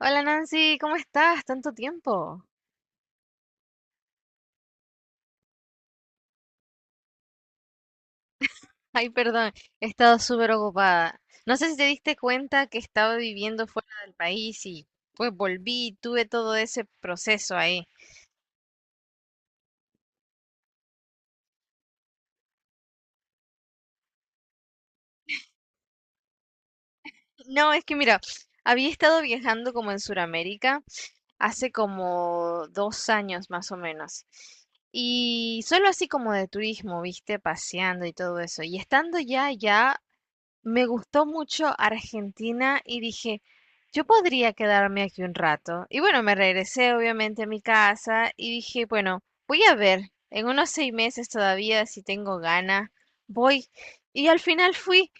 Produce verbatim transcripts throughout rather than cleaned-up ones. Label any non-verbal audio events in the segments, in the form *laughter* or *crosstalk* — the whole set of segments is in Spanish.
Hola Nancy, ¿cómo estás? Tanto tiempo. Ay, perdón, he estado súper ocupada. No sé si te diste cuenta que estaba viviendo fuera del país y pues volví, y tuve todo ese proceso ahí. No, es que mira, había estado viajando como en Sudamérica hace como dos años más o menos. Y solo así como de turismo, viste, paseando y todo eso. Y estando ya allá, me gustó mucho Argentina y dije, yo podría quedarme aquí un rato. Y bueno, me regresé obviamente a mi casa y dije, bueno, voy a ver, en unos seis meses todavía, si tengo ganas, voy. Y al final fui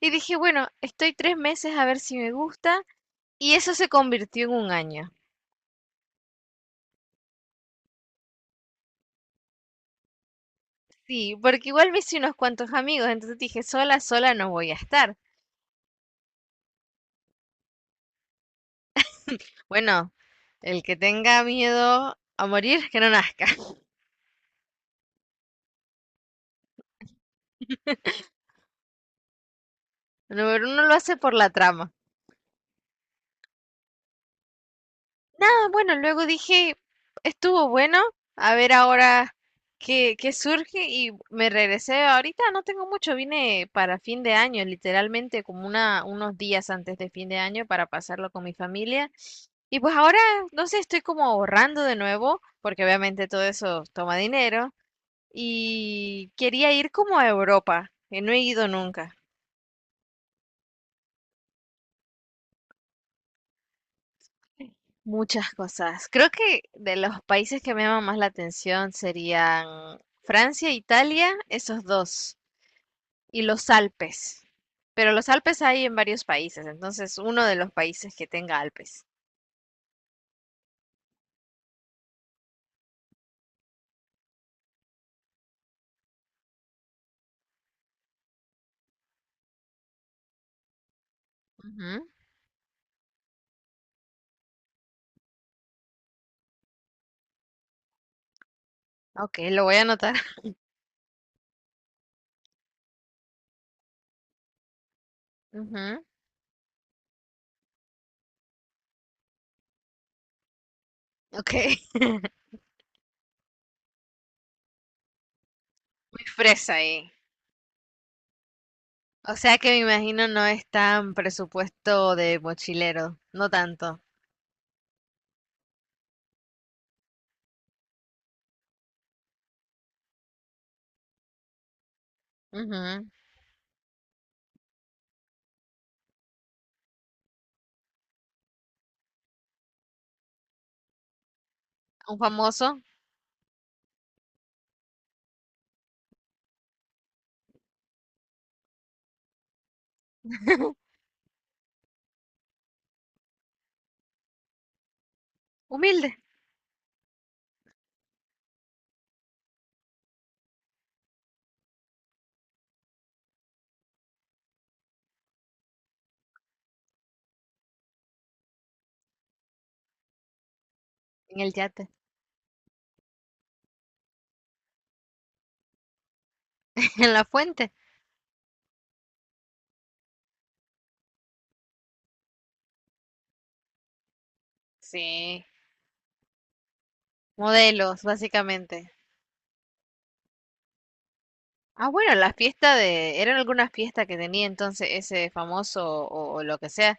y dije, bueno, estoy tres meses a ver si me gusta. Y eso se convirtió en un año. Sí, porque igual me hice unos cuantos amigos, entonces dije, sola, sola no voy a estar. Bueno, el que tenga miedo a morir, que no nazca. *laughs* No, pero uno lo hace por la trama. Nada, bueno, luego dije, estuvo bueno, a ver ahora qué, qué surge y me regresé ahorita, no tengo mucho, vine para fin de año, literalmente como una, unos días antes de fin de año para pasarlo con mi familia. Y pues ahora, no sé, estoy como ahorrando de nuevo, porque obviamente todo eso toma dinero, y quería ir como a Europa, que no he ido nunca. Muchas cosas. Creo que de los países que me llaman más la atención serían Francia, Italia, esos dos, y los Alpes. Pero los Alpes hay en varios países, entonces uno de los países que tenga Alpes. Ujú. Ok, lo voy a anotar. Ujú. Ok. *laughs* Muy fresa ahí. O sea que me imagino no es tan presupuesto de mochilero, no tanto. Ujú. Un famoso. *laughs* Humilde. En el yate. *laughs* En la fuente. Sí. Modelos, básicamente. Ah, bueno, la fiesta de... ¿Era alguna fiesta que tenía entonces ese famoso o, o lo que sea?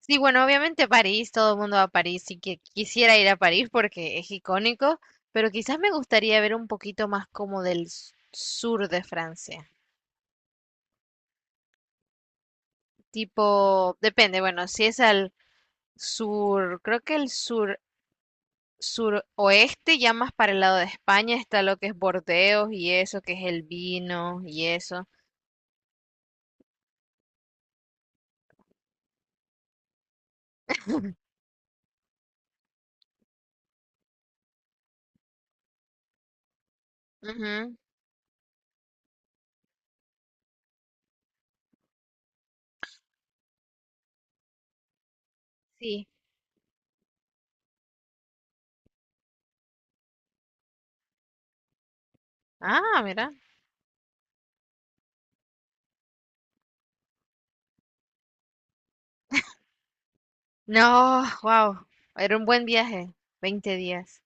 Sí, bueno, obviamente París, todo el mundo va a París y que quisiera ir a París porque es icónico, pero quizás me gustaría ver un poquito más como del s- sur de Francia. Tipo, depende, bueno, si es al sur, creo que el sur, suroeste, ya más para el lado de España está lo que es Bordeaux y eso, que es el vino y eso. *laughs* Ujú. Sí. Ah, mira. No, wow. Era un buen viaje. Veinte días.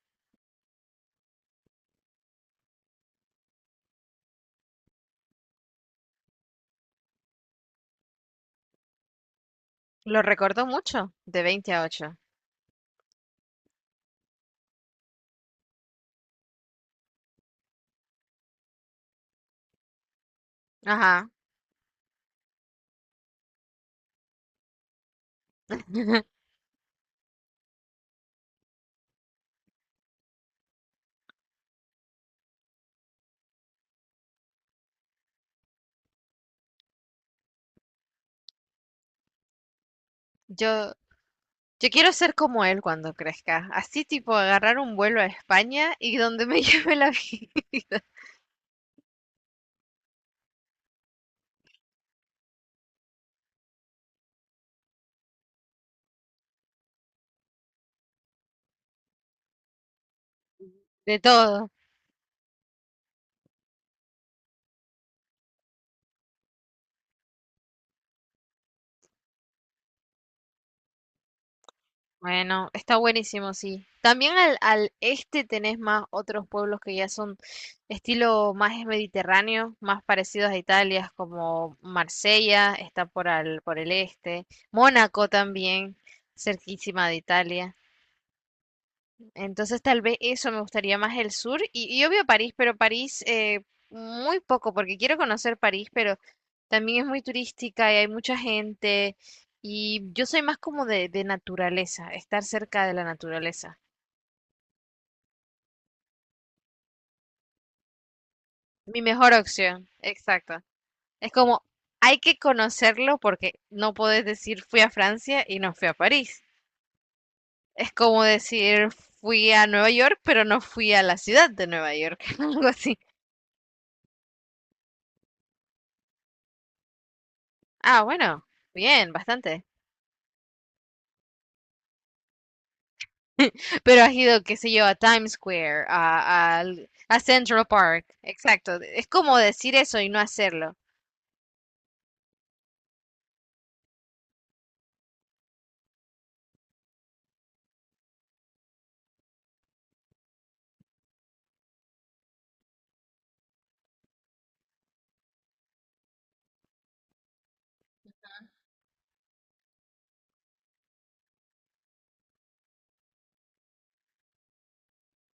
Lo recuerdo mucho, de veinte a ocho. Ajá. *laughs* Yo, yo quiero ser como él cuando crezca. Así tipo agarrar un vuelo a España y donde me *laughs* lleve la vida. De todo. Bueno, está buenísimo, sí. También al, al este tenés más otros pueblos que ya son estilo más mediterráneo, más parecidos a Italia, como Marsella, está por al, por el este, Mónaco también, cerquísima de Italia. Entonces tal vez eso me gustaría más el sur y, y obvio París, pero París eh, muy poco porque quiero conocer París, pero también es muy turística y hay mucha gente y yo soy más como de, de naturaleza, estar cerca de la naturaleza. Mi mejor opción, exacto. Es como hay que conocerlo porque no podés decir fui a Francia y no fui a París. Es como decir fui a Nueva York pero no fui a la ciudad de Nueva York, *laughs* algo así. Ah, bueno, bien, bastante. Pero has ido, qué sé yo, a Times Square, a, al- a Central Park. Exacto. Es como decir eso y no hacerlo.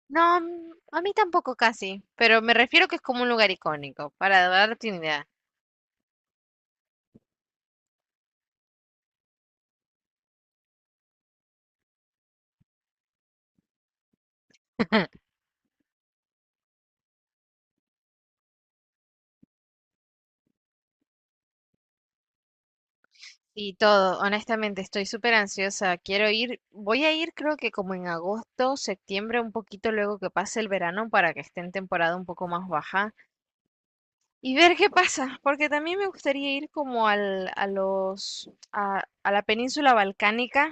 No, mm, a mí tampoco casi, pero me refiero que es como un lugar icónico, para darte una idea. *laughs* Y todo, honestamente, estoy súper ansiosa. Quiero ir, voy a ir creo que como en agosto, septiembre, un poquito luego que pase el verano para que esté en temporada un poco más baja y ver qué pasa, porque también me gustaría ir como al, a los, a, a la península balcánica,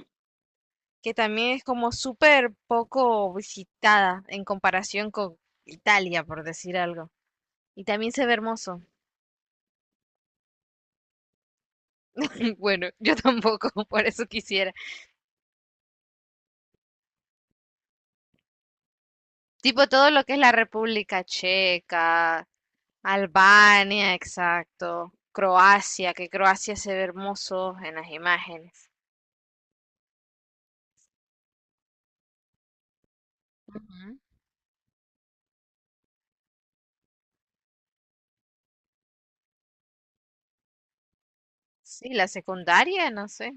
que también es como súper poco visitada en comparación con Italia, por decir algo. Y también se ve hermoso. *laughs* Bueno, yo tampoco, *laughs* por eso quisiera. Tipo todo lo que es la República Checa, Albania, exacto, Croacia, que Croacia se ve hermoso en las imágenes. Ujú. Sí, la secundaria, no sé.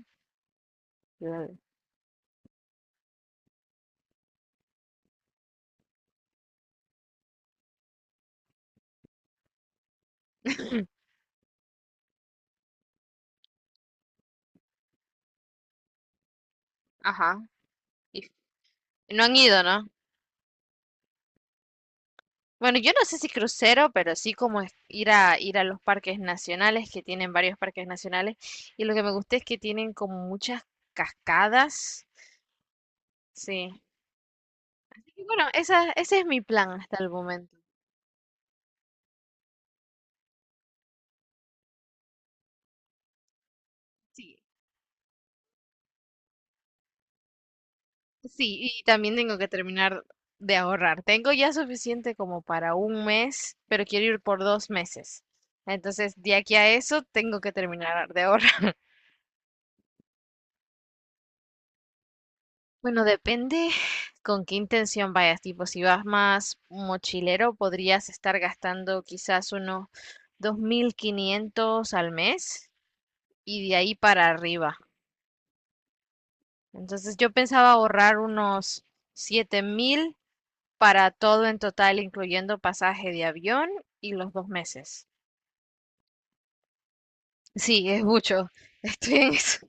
*laughs* Ajá. Y no han ido, ¿no? Bueno, yo no sé si crucero, pero sí como es- ir a ir a los parques nacionales, que tienen varios parques nacionales, y lo que me gusta es que tienen como muchas cascadas. Sí. Y bueno, esa, ese es mi plan hasta el momento. Sí. Sí, y también tengo que terminar de ahorrar. Tengo ya suficiente como para un mes, pero quiero ir por dos meses. Entonces, de aquí a eso, tengo que terminar de ahorrar. Bueno, depende con qué intención vayas. Tipo, si vas más mochilero, podrías estar gastando quizás unos dos mil quinientos al mes y de ahí para arriba. Entonces, yo pensaba ahorrar unos siete mil para todo en total, incluyendo pasaje de avión y los dos meses. Sí, es mucho. *laughs* Estoy en eso.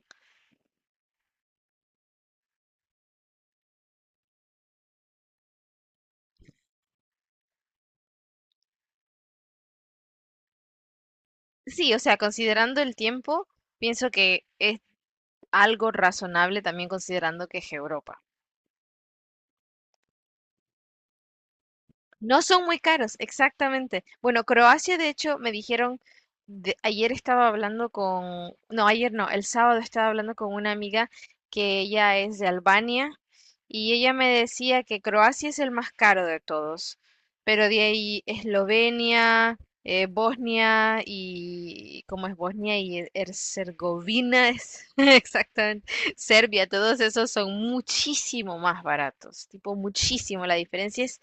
Sí, o sea, considerando el tiempo, pienso que es algo razonable también considerando que es Europa. No son muy caros, exactamente. Bueno, Croacia, de hecho, me dijeron, de- ayer estaba hablando con, no, ayer no, el sábado estaba hablando con una amiga que ella es de Albania y ella me decía que Croacia es el más caro de todos, pero de ahí Eslovenia, eh, Bosnia y, ¿cómo es Bosnia? Y Her- Herzegovina, es, *laughs* exactamente, Serbia, todos esos son muchísimo más baratos, tipo muchísimo, la diferencia es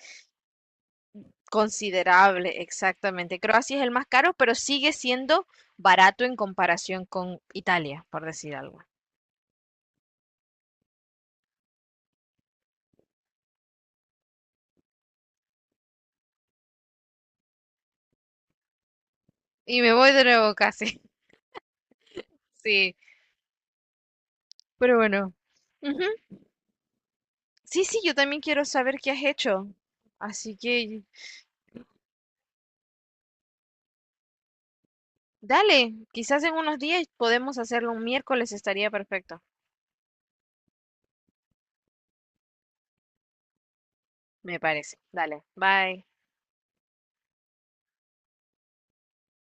considerable, exactamente. Croacia es el más caro, pero sigue siendo barato en comparación con Italia, por decir algo. Y me voy de nuevo casi. *laughs* Sí, pero bueno. Ujú. *laughs* Sí, sí, yo también quiero saber qué has hecho. Así que dale, quizás en unos días podemos hacerlo un miércoles, estaría perfecto, me parece. Dale, bye.